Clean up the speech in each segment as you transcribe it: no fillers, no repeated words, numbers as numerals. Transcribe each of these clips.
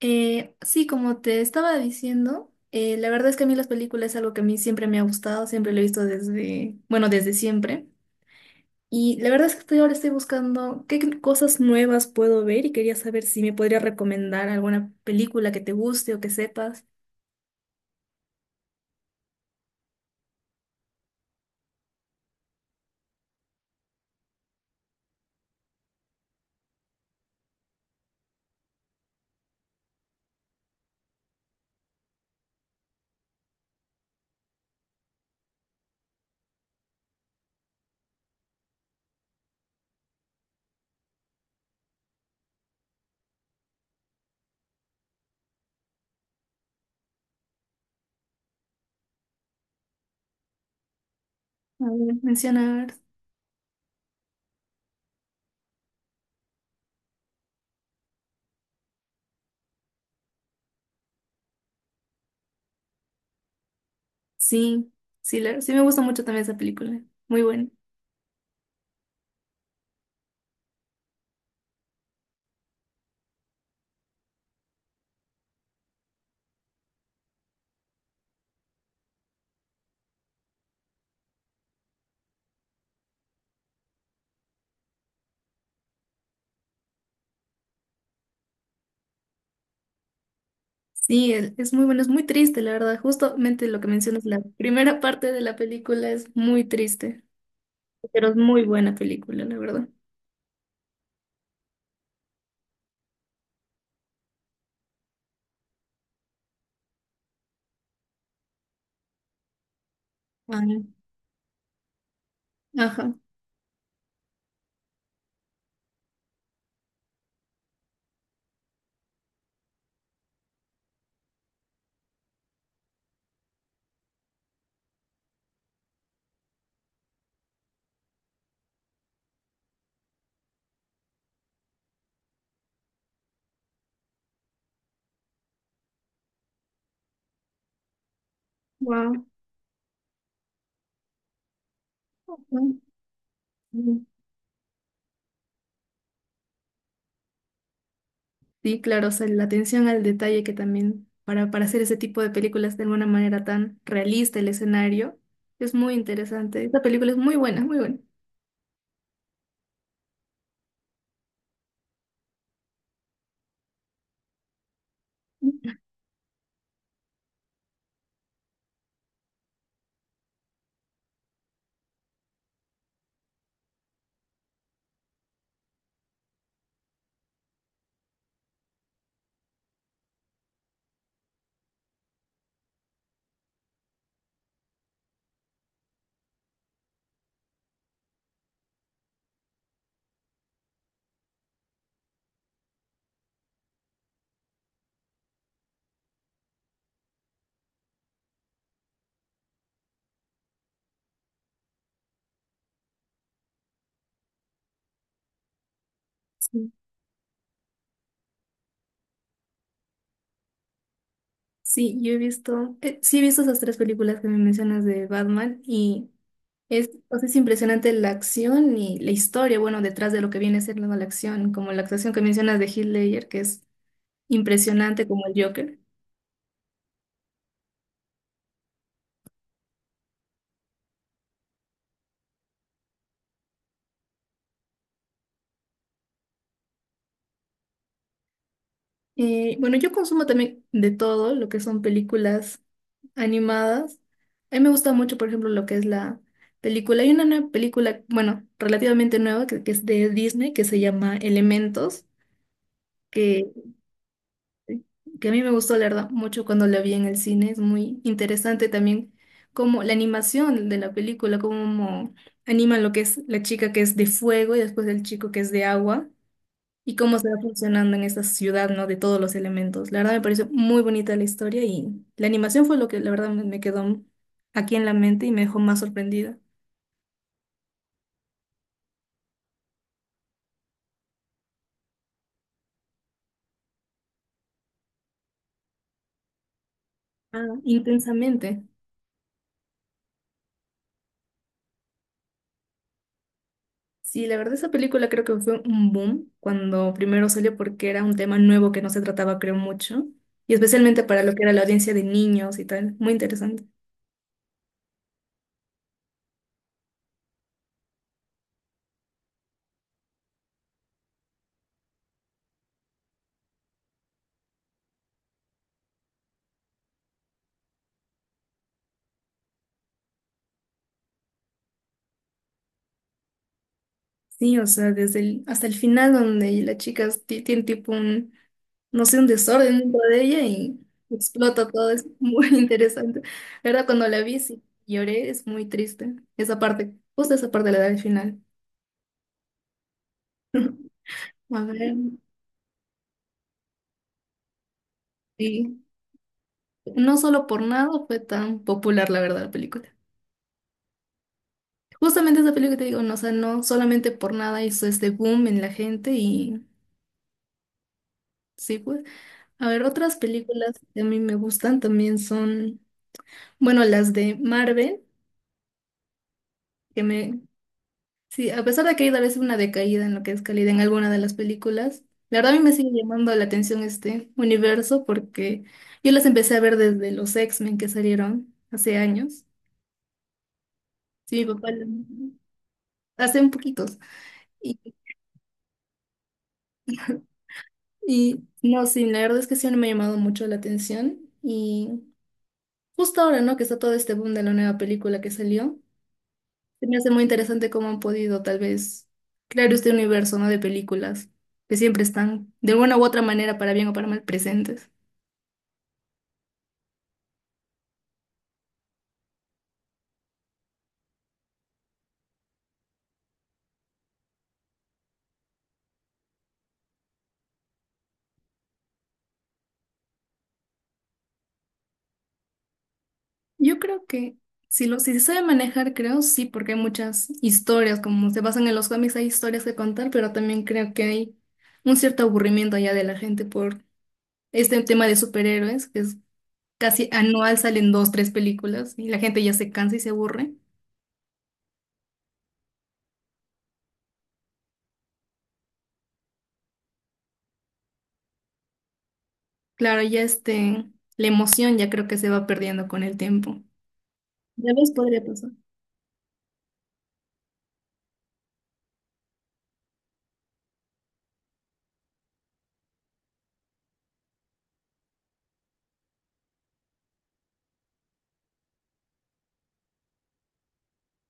Sí, como te estaba diciendo, la verdad es que a mí las películas es algo que a mí siempre me ha gustado, siempre lo he visto desde, bueno, desde siempre. Y la verdad es que ahora estoy buscando qué cosas nuevas puedo ver y quería saber si me podría recomendar alguna película que te guste o que sepas. A ver, menciona, a ver. Sí, sí me gusta mucho también esa película. Muy buena. Sí, es muy bueno, es muy triste, la verdad. Justamente lo que mencionas, la primera parte de la película es muy triste, pero es muy buena película, la verdad. Ay, ajá, wow. Sí, claro, o sea, la atención al detalle que también para hacer ese tipo de películas de alguna manera tan realista el escenario es muy interesante. Esta película es muy buena, muy buena. Sí, sí, yo he visto, sí he visto esas tres películas que me mencionas de Batman y es, o sea, es impresionante la acción y la historia, bueno, detrás de lo que viene siendo la acción, como la actuación que mencionas de Heath Ledger, que es impresionante como el Joker. Bueno, yo consumo también de todo lo que son películas animadas. A mí me gusta mucho, por ejemplo, lo que es la película. Hay una nueva película, bueno, relativamente nueva, que es de Disney, que se llama Elementos, que, que a mí me gustó, la verdad, mucho cuando la vi en el cine. Es muy interesante también como la animación de la película, cómo animan lo que es la chica que es de fuego y después el chico que es de agua y cómo se va funcionando en esa ciudad, ¿no? De todos los elementos. La verdad me pareció muy bonita la historia y la animación fue lo que la verdad me quedó aquí en la mente y me dejó más sorprendida. Ah, intensamente. Sí, la verdad esa película creo que fue un boom cuando primero salió porque era un tema nuevo que no se trataba, creo, mucho, y especialmente para lo que era la audiencia de niños y tal. Muy interesante. Sí, o sea, hasta el final donde la chica tiene tipo un, no sé, un desorden dentro de ella y explota todo, es muy interesante. La verdad, cuando la vi, sí, lloré, es muy triste. Esa parte, justo esa parte la da al final. A ver, sí, no solo por nada fue tan popular, la verdad, la película. Justamente esa película que te digo, no, o sea, no solamente por nada hizo este boom en la gente y sí, pues. A ver, otras películas que a mí me gustan también son... Bueno, las de Marvel, que me... Sí, a pesar de que hay a veces una decaída en lo que es calidad en alguna de las películas, la verdad a mí me sigue llamando la atención este universo porque yo las empecé a ver desde los X-Men que salieron hace años. Sí, mi papá, las- hace un poquitos. Y, y no, sí, la verdad es que sí no me ha llamado mucho la atención. Y justo ahora, ¿no? Que está todo este boom de la nueva película que salió. Se me hace muy interesante cómo han podido, tal vez, crear este universo, ¿no? De películas que siempre están, de alguna u otra manera, para bien o para mal, presentes. Yo creo que si se sabe manejar, creo sí, porque hay muchas historias, como se basan en los cómics, hay historias que contar, pero también creo que hay un cierto aburrimiento ya de la gente por este tema de superhéroes, que es casi anual salen dos, tres películas y la gente ya se cansa y se aburre. Claro, la emoción ya creo que se va perdiendo con el tiempo. Ya ves, podría pasar.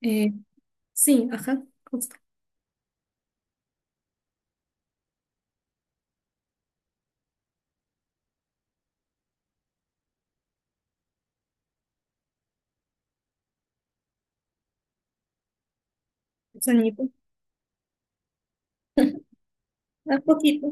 Eh, sí, ajá, justo. Sueñito. A poquito.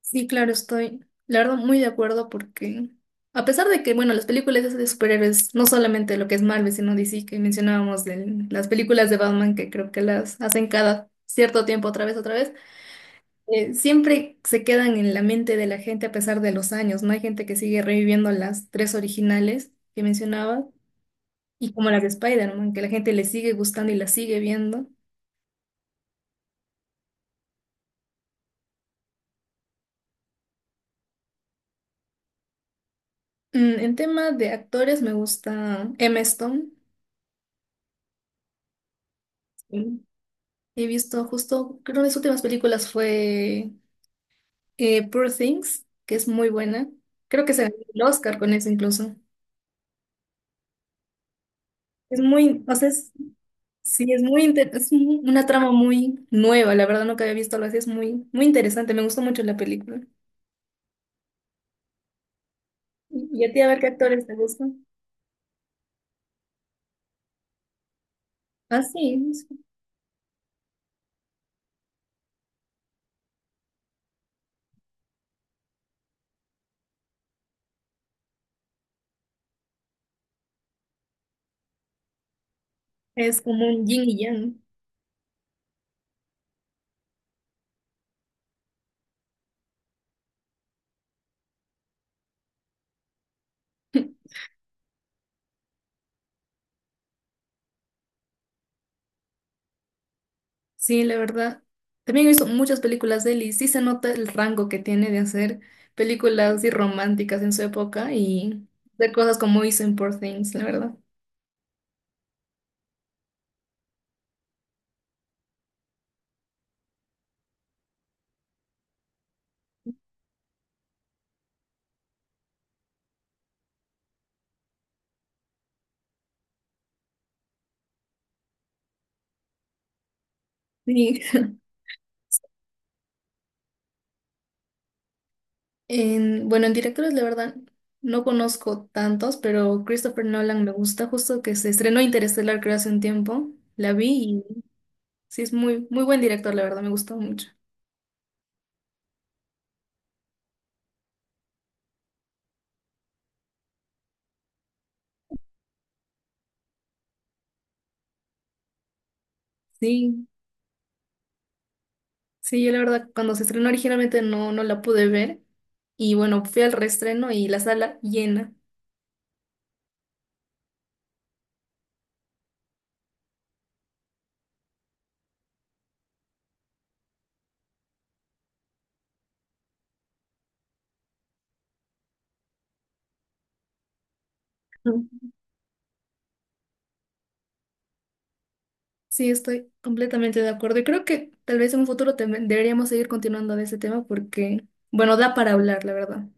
Sí, claro, la verdad, muy de acuerdo porque, a pesar de que, bueno, las películas esas de superhéroes, no solamente lo que es Marvel, sino DC, que mencionábamos de las películas de Batman, que creo que las hacen cada cierto tiempo, otra vez, siempre se quedan en la mente de la gente a pesar de los años, ¿no? Hay gente que sigue reviviendo las tres originales que mencionaba, y como las de Spider-Man, que la gente le sigue gustando y las sigue viendo. Mm, en tema de actores me gusta Emma Stone. Sí. He visto justo, creo que de sus últimas películas fue Poor Things, que es muy buena. Creo que se ganó el Oscar con eso incluso. Es muy, o sea, es- sí, una trama muy nueva, la verdad nunca había visto algo así, es muy, muy interesante, me gustó mucho la película. Y a ti, a ver qué actores te gustan. Ah, sí, es como un yin y yang. Sí, la verdad. También he visto muchas películas de él y sí se nota el rango que tiene de hacer películas así románticas en su época y de cosas como hizo en Poor Things, la verdad. Sí. En, bueno, en directores, la verdad, no conozco tantos, pero Christopher Nolan me gusta, justo que se estrenó Interestelar creo hace un tiempo. La vi y sí es muy, muy buen director, la verdad, me gustó mucho. Sí, sí, yo la verdad, cuando se estrenó originalmente no, no la pude ver. Y bueno, fui al reestreno y la sala llena. Ujú. Sí, estoy completamente de acuerdo. Y creo que tal vez en un futuro deberíamos seguir continuando de ese tema porque, bueno, da para hablar, la verdad.